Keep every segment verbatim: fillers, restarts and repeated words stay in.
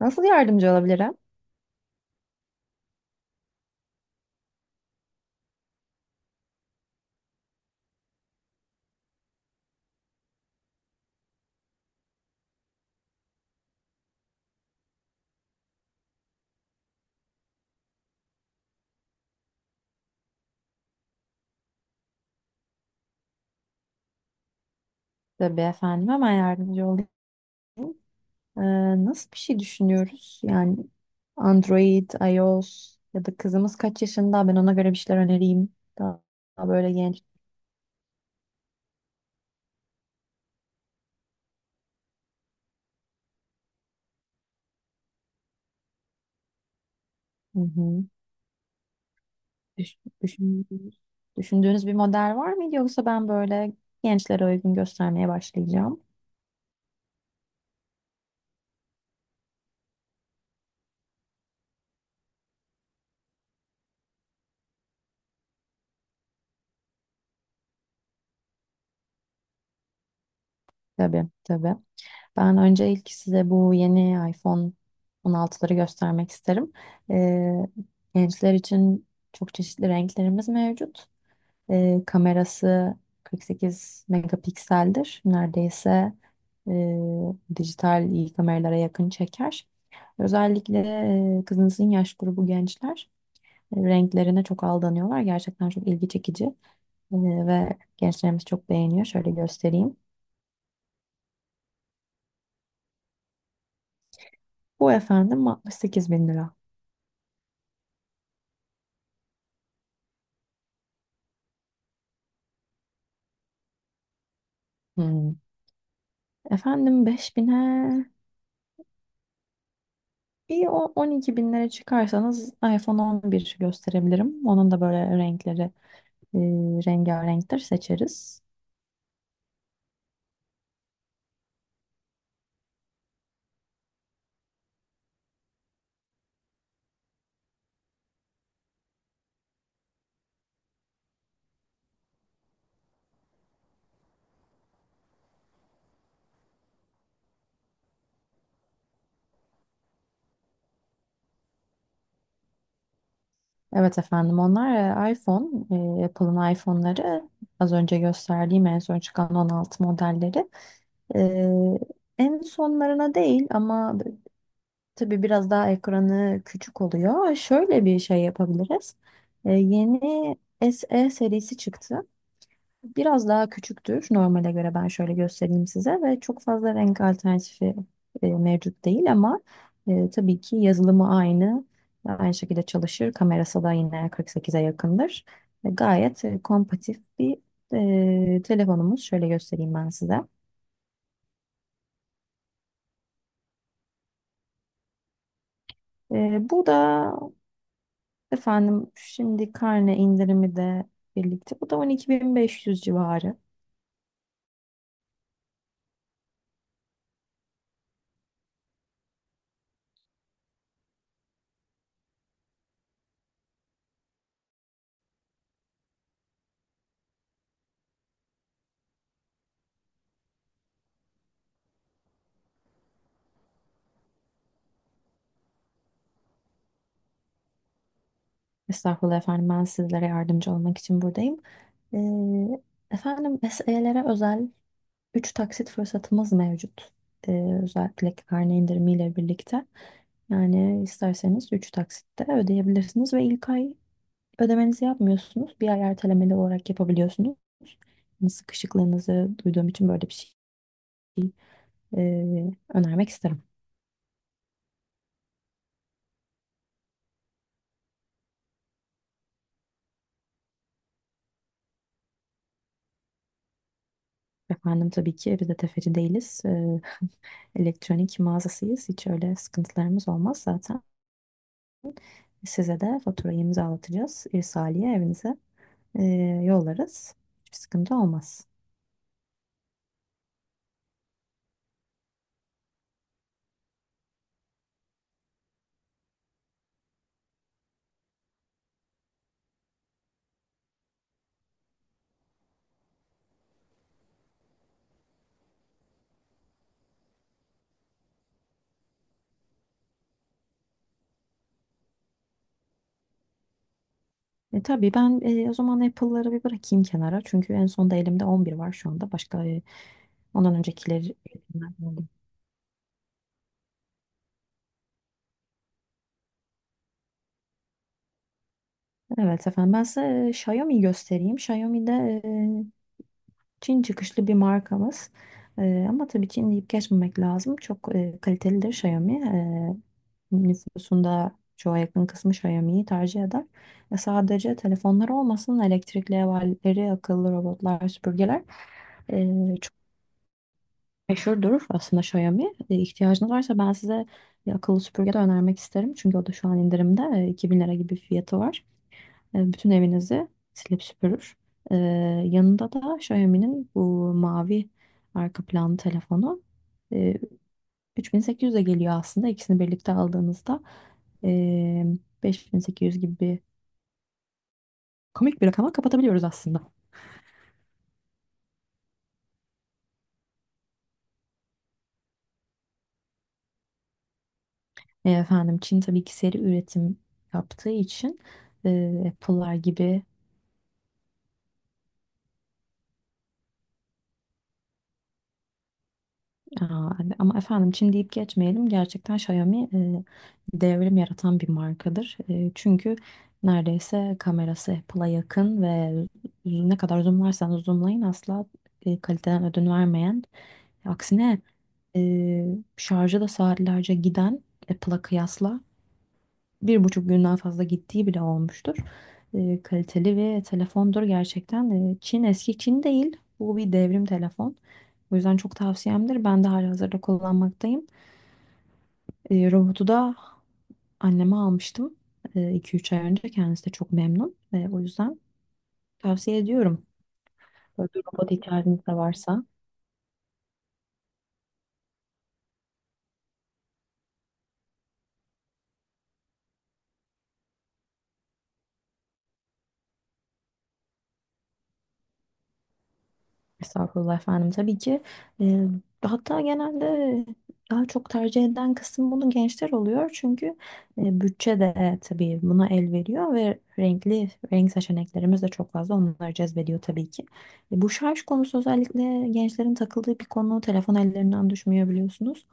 Nasıl yardımcı olabilirim? Tabii efendim hemen yardımcı olayım. Ee, nasıl bir şey düşünüyoruz? Yani Android, iOS ya da kızımız kaç yaşında? Ben ona göre bir şeyler önereyim. Daha, daha böyle genç. Hı hı. Düş- düşündüğünüz, düşündüğünüz bir model var mıydı yoksa ben böyle gençlere uygun göstermeye başlayacağım? Tabii tabii. Ben önce ilk size bu yeni iPhone on altıları göstermek isterim. Ee, gençler için çok çeşitli renklerimiz mevcut. E, kamerası kırk sekiz megapikseldir. Neredeyse e, dijital iyi kameralara yakın çeker. Özellikle e, kızınızın yaş grubu gençler e, renklerine çok aldanıyorlar. Gerçekten çok ilgi çekici E, ve gençlerimiz çok beğeniyor. Şöyle göstereyim. Bu efendim altmış sekiz bin lira. Hmm. Efendim beş bine bir o- on iki binlere çıkarsanız iPhone on bir gösterebilirim. Onun da böyle renkleri e, rengarenktir seçeriz. Evet efendim onlar e, iPhone, e, Apple'ın iPhone'ları, az önce gösterdiğim en son çıkan on altı modelleri e, en sonlarına değil ama b- tabii biraz daha ekranı küçük oluyor. Şöyle bir şey yapabiliriz. E, yeni S E serisi çıktı. Biraz daha küçüktür normale göre ben şöyle göstereyim size ve çok fazla renk alternatifi e, mevcut değil ama e, tabii ki yazılımı aynı. Aynı şekilde çalışır. Kamerası da yine kırk sekize yakındır. E, gayet e, kompatif bir e, telefonumuz. Şöyle göstereyim ben size. E, bu da efendim şimdi karne indirimi de birlikte. Bu da on iki bin beş yüz civarı. Estağfurullah efendim ben sizlere yardımcı olmak için buradayım. Ee, efendim S E'lere özel üç taksit fırsatımız mevcut. Ee, özellikle karne indirimiyle birlikte. Yani isterseniz üç taksitte ödeyebilirsiniz ve ilk ay ödemenizi yapmıyorsunuz. Bir ay ertelemeli olarak yapabiliyorsunuz. Yani sıkışıklığınızı duyduğum için böyle bir şey ee, önermek isterim. Efendim tabii ki biz de tefeci değiliz. Ee, elektronik mağazasıyız. Hiç öyle sıkıntılarımız olmaz zaten. Size de faturayı imzalatacağız. İrsaliye evinize e, yollarız. Hiçbir sıkıntı olmaz. E, tabii ben e, o zaman Apple'ları bir bırakayım kenara. Çünkü en sonda elimde on bir var şu anda. Başka e, ondan öncekileri. Evet efendim ben size e, Xiaomi göstereyim. Xiaomi'de e, Çin çıkışlı bir markamız. Ee, ama tabii Çin deyip geçmemek lazım. Çok e, kalitelidir Xiaomi. Ee, nüfusunda çoğa yakın kısmı Xiaomi'yi tercih eder. E, sadece telefonlar olmasın, elektrikli evleri, akıllı robotlar, süpürgeler e, çok meşhurdur aslında Xiaomi. E, ihtiyacınız varsa ben size bir akıllı süpürge de önermek isterim. Çünkü o da şu an indirimde. E, iki bin lira gibi fiyatı var. E, bütün evinizi silip süpürür. E, yanında da Xiaomi'nin bu mavi arka planlı telefonu e, üç bin sekiz yüze geliyor aslında. İkisini birlikte aldığınızda e, beş bin sekiz yüz gibi bir komik bir rakama kapatabiliyoruz aslında. E, efendim Çin tabii ki seri üretim yaptığı için e, Apple'lar gibi. Aa, ama efendim Çin deyip geçmeyelim. Gerçekten Xiaomi e, devrim yaratan bir markadır. E, çünkü neredeyse kamerası Apple'a yakın ve ne kadar zoomlarsanız zoomlayın asla e, kaliteden ödün vermeyen. Aksine e, şarjı da saatlerce giden Apple'a kıyasla bir buçuk günden fazla gittiği bile olmuştur. E, kaliteli ve telefondur gerçekten. E, Çin eski Çin değil. Bu bir devrim telefon. O yüzden çok tavsiyemdir. Ben de halihazırda kullanmaktayım. E, robotu da anneme almıştım. İki üç ay önce. Kendisi de çok memnun. E, o yüzden tavsiye ediyorum. Böyle bir robot ihtiyacınız da varsa. Estağfurullah efendim. Tabii ki e, hatta genelde daha çok tercih eden kısım bunu gençler oluyor. Çünkü e, bütçe de tabii buna el veriyor ve renkli renk seçeneklerimiz de çok fazla onları cezbediyor tabii ki. E, bu şarj konusu özellikle gençlerin takıldığı bir konu. Telefon ellerinden düşmüyor biliyorsunuz.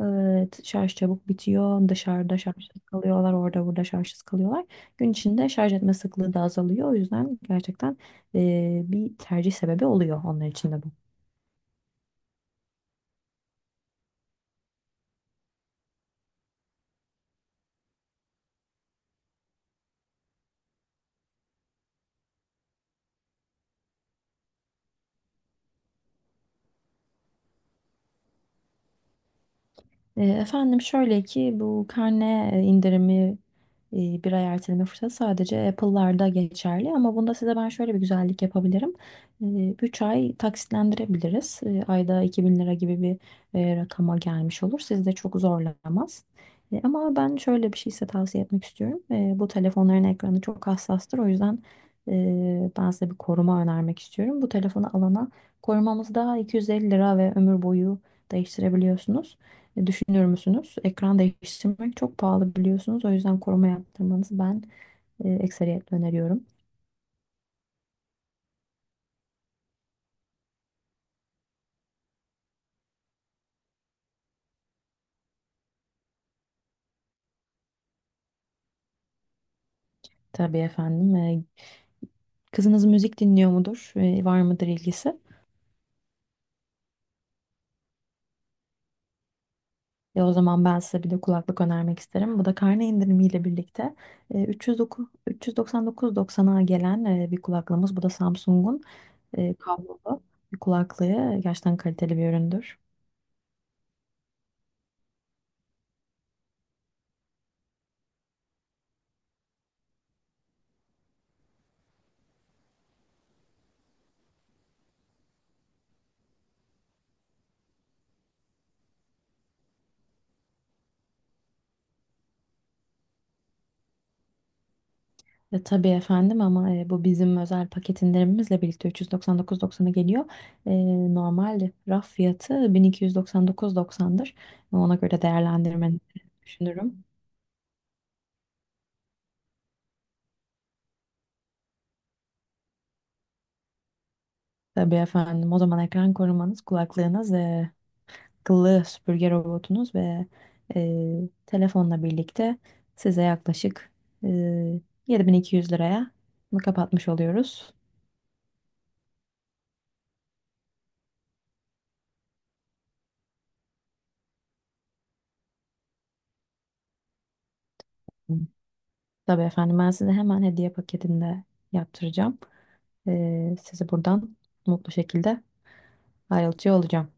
E, t- şarj çabuk bitiyor. Dışarıda şarjsız kalıyorlar, orada burada şarjsız kalıyorlar. Gün içinde şarj etme sıklığı da azalıyor. O yüzden gerçekten e, bir tercih sebebi oluyor onlar için de bu. E, Efendim şöyle ki bu karne e, indirimi e, bir ay erteleme fırsatı sadece Apple'larda geçerli ama bunda size ben şöyle bir güzellik yapabilirim. üç ay taksitlendirebiliriz. E, Ayda iki bin lira gibi bir e, rakama gelmiş olur. Sizi de çok zorlamaz. E, Ama ben şöyle bir şey size tavsiye etmek istiyorum. E, Bu telefonların ekranı çok hassastır. O yüzden e, ben size bir koruma önermek istiyorum. Bu telefonu alana korumamızda iki yüz elli lira ve ömür boyu değiştirebiliyorsunuz. E, Düşünüyor musunuz? Ekran değiştirmek çok pahalı biliyorsunuz. O yüzden koruma yaptırmanızı ben e, ekseriyetle öneriyorum. Tabii efendim. E, kızınız müzik dinliyor mudur? E, var mıdır ilgisi? E, o zaman ben size bir de kulaklık önermek isterim. Bu da karne indirimiyle birlikte e, üç yüz dokuz üç yüz doksan dokuz doksana gelen e, bir kulaklığımız. Bu da Samsung'un e, kablolu bir kulaklığı. Gerçekten kaliteli bir üründür. E, tabii efendim ama e, bu bizim özel paket indirimimizle birlikte üç yüz doksan dokuz doksana geliyor. E, normal raf fiyatı bin iki yüz doksan dokuz doksandır. Ona göre değerlendirmeni düşünürüm. Tabii efendim o zaman ekran korumanız, kulaklığınız, e, akıllı süpürge robotunuz ve e, telefonla birlikte size yaklaşık e, yedi bin iki yüz liraya bunu kapatmış oluyoruz. Tabii efendim ben size hemen hediye paketinde yaptıracağım. Ee, sizi buradan mutlu şekilde ayrılıyor olacağım.